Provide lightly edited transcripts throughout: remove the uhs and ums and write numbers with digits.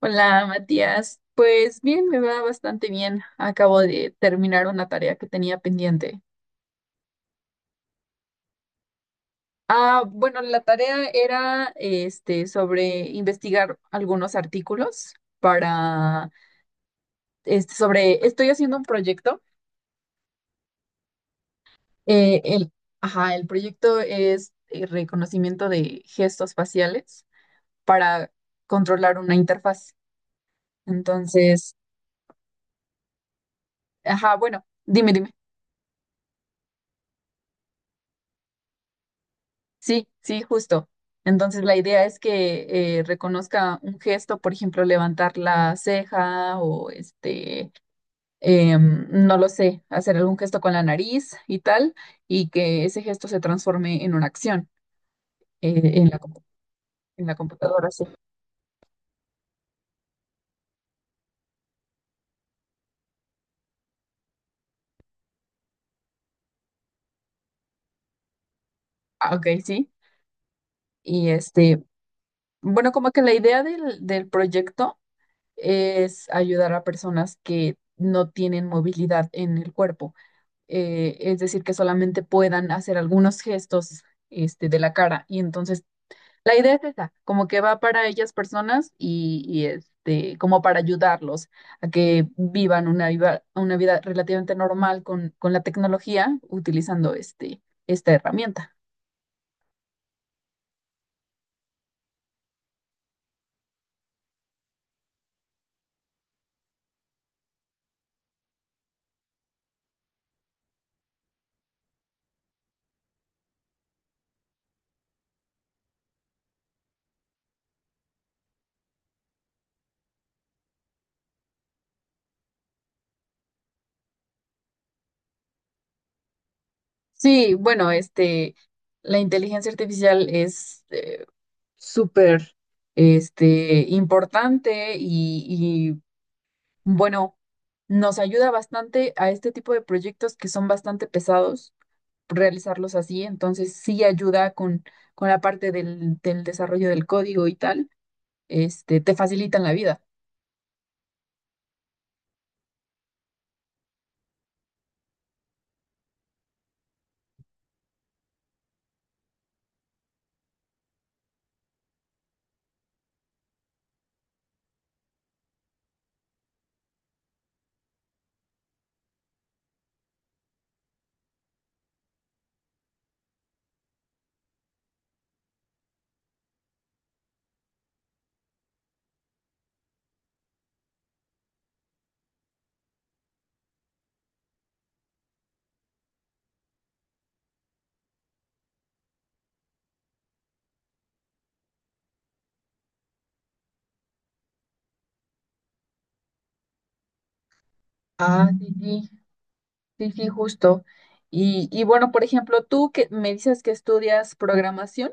Hola, Matías. Pues bien, me va bastante bien. Acabo de terminar una tarea que tenía pendiente. Ah, bueno, la tarea era sobre investigar algunos artículos para este sobre estoy haciendo un proyecto. Eh, el, ajá, el proyecto es reconocimiento de gestos faciales para controlar una interfaz. Entonces, ajá, bueno, dime. Sí, sí, justo. Entonces la idea es que reconozca un gesto, por ejemplo, levantar la ceja no lo sé, hacer algún gesto con la nariz y tal, y que ese gesto se transforme en una acción eh, en la, compu- en la computadora, sí. Ah, ok, sí. Y este, bueno, como que la idea del proyecto es ayudar a personas que no tienen movilidad en el cuerpo. Es decir, que solamente puedan hacer algunos gestos este, de la cara. Y entonces, la idea es esa, como que va para ellas personas y este, como para ayudarlos a que una vida relativamente normal con la tecnología utilizando este, esta herramienta. Sí, bueno, este, la inteligencia artificial es súper este, importante y, bueno, nos ayuda bastante a este tipo de proyectos que son bastante pesados realizarlos así, entonces sí ayuda con la parte del desarrollo del código y tal, este, te facilitan la vida. Ah, sí, sí, sí, sí, justo. Y bueno, por ejemplo, tú que me dices que estudias programación.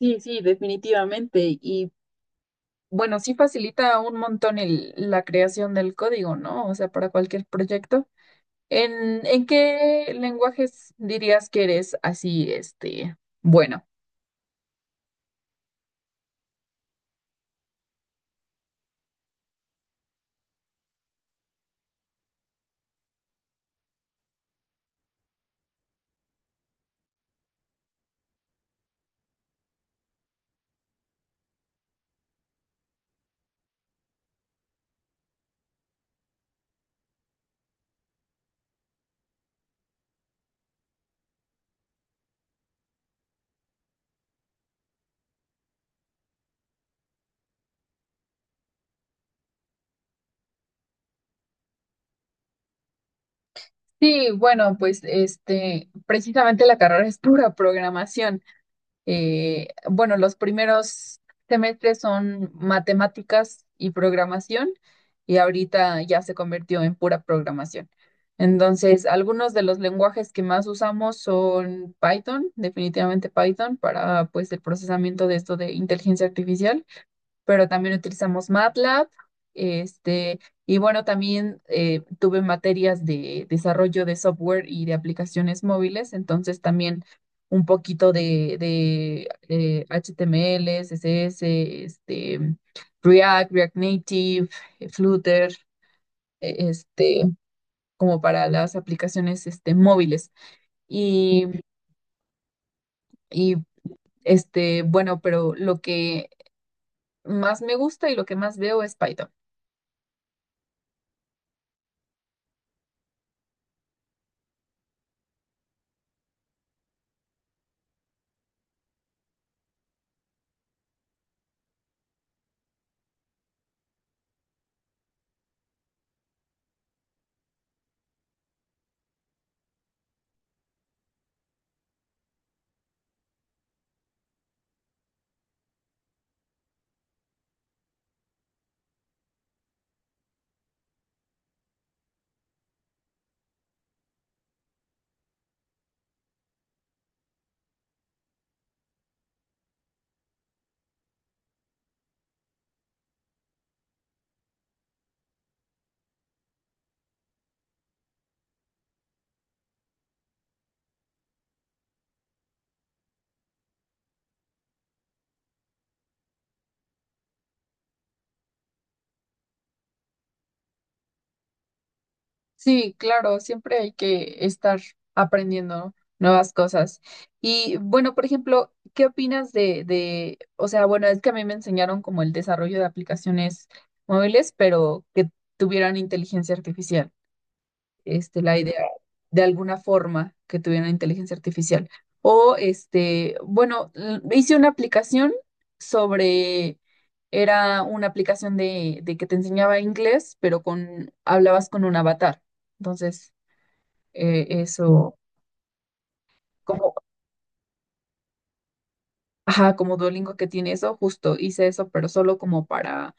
Sí, sí, definitivamente. Y bueno, sí facilita un montón la creación del código, ¿no? O sea, para cualquier proyecto. ¿En qué lenguajes dirías que eres así, este, bueno? Sí, bueno, pues este, precisamente la carrera es pura programación. Bueno, los primeros semestres son matemáticas y programación, y ahorita ya se convirtió en pura programación. Entonces, algunos de los lenguajes que más usamos son Python, definitivamente Python, para pues el procesamiento de esto de inteligencia artificial. Pero también utilizamos MATLAB. Este, y bueno, también tuve materias de desarrollo de software y de aplicaciones móviles, entonces también un poquito de HTML, CSS, este, React, React Native, Flutter, eh, este, como para las aplicaciones este, móviles. Y, y bueno, pero lo que más me gusta y lo que más veo es Python. Sí, claro, siempre hay que estar aprendiendo nuevas cosas. Y bueno, por ejemplo, ¿qué opinas o sea, bueno, es que a mí me enseñaron como el desarrollo de aplicaciones móviles, pero que tuvieran inteligencia artificial? Este, la idea de alguna forma que tuviera inteligencia artificial. O, este, bueno, hice una aplicación sobre, era una aplicación de que te enseñaba inglés, pero con, hablabas con un avatar. Entonces, eh, eso, como, ajá, como Duolingo que tiene eso, justo hice eso, pero solo como para, o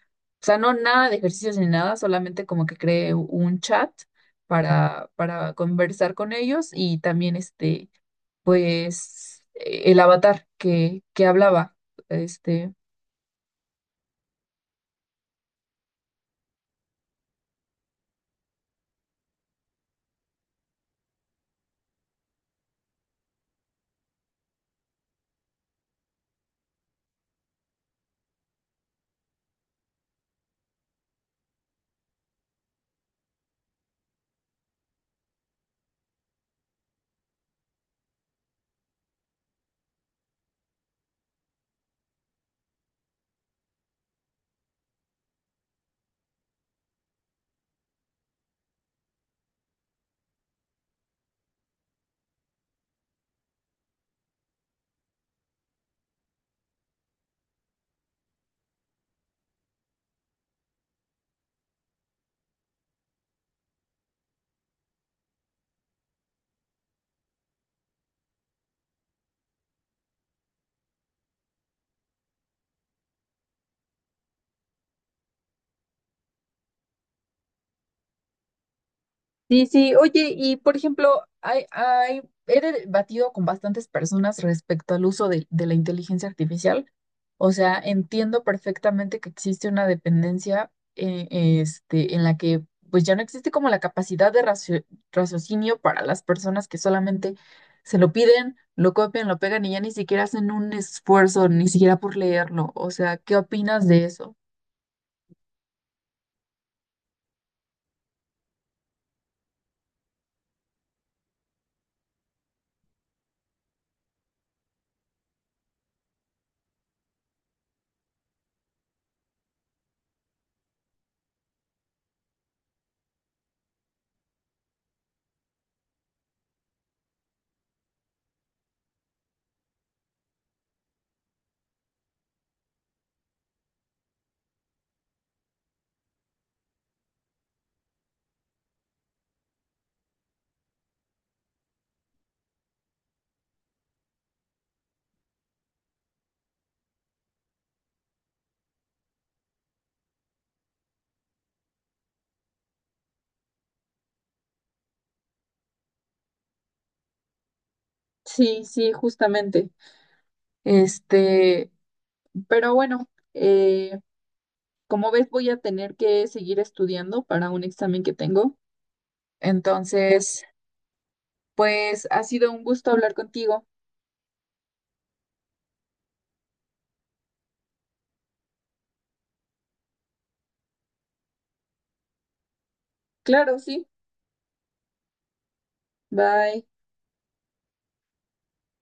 sea, no nada de ejercicios ni nada, solamente como que creé un chat para conversar con ellos y también este pues el avatar que hablaba. Este, sí, sí, oye, y por ejemplo, he debatido con bastantes personas respecto al uso de la inteligencia artificial. O sea, entiendo perfectamente que existe una dependencia este, en la que pues ya no existe como la capacidad de raciocinio para las personas que solamente se lo piden, lo copian, lo pegan y ya ni siquiera hacen un esfuerzo, ni siquiera por leerlo. O sea, ¿qué opinas de eso? Sí, sí, justamente. Este, pero bueno, eh, como ves, voy a tener que seguir estudiando para un examen que tengo. Entonces, pues ha sido un gusto hablar contigo. Claro, sí. Bye.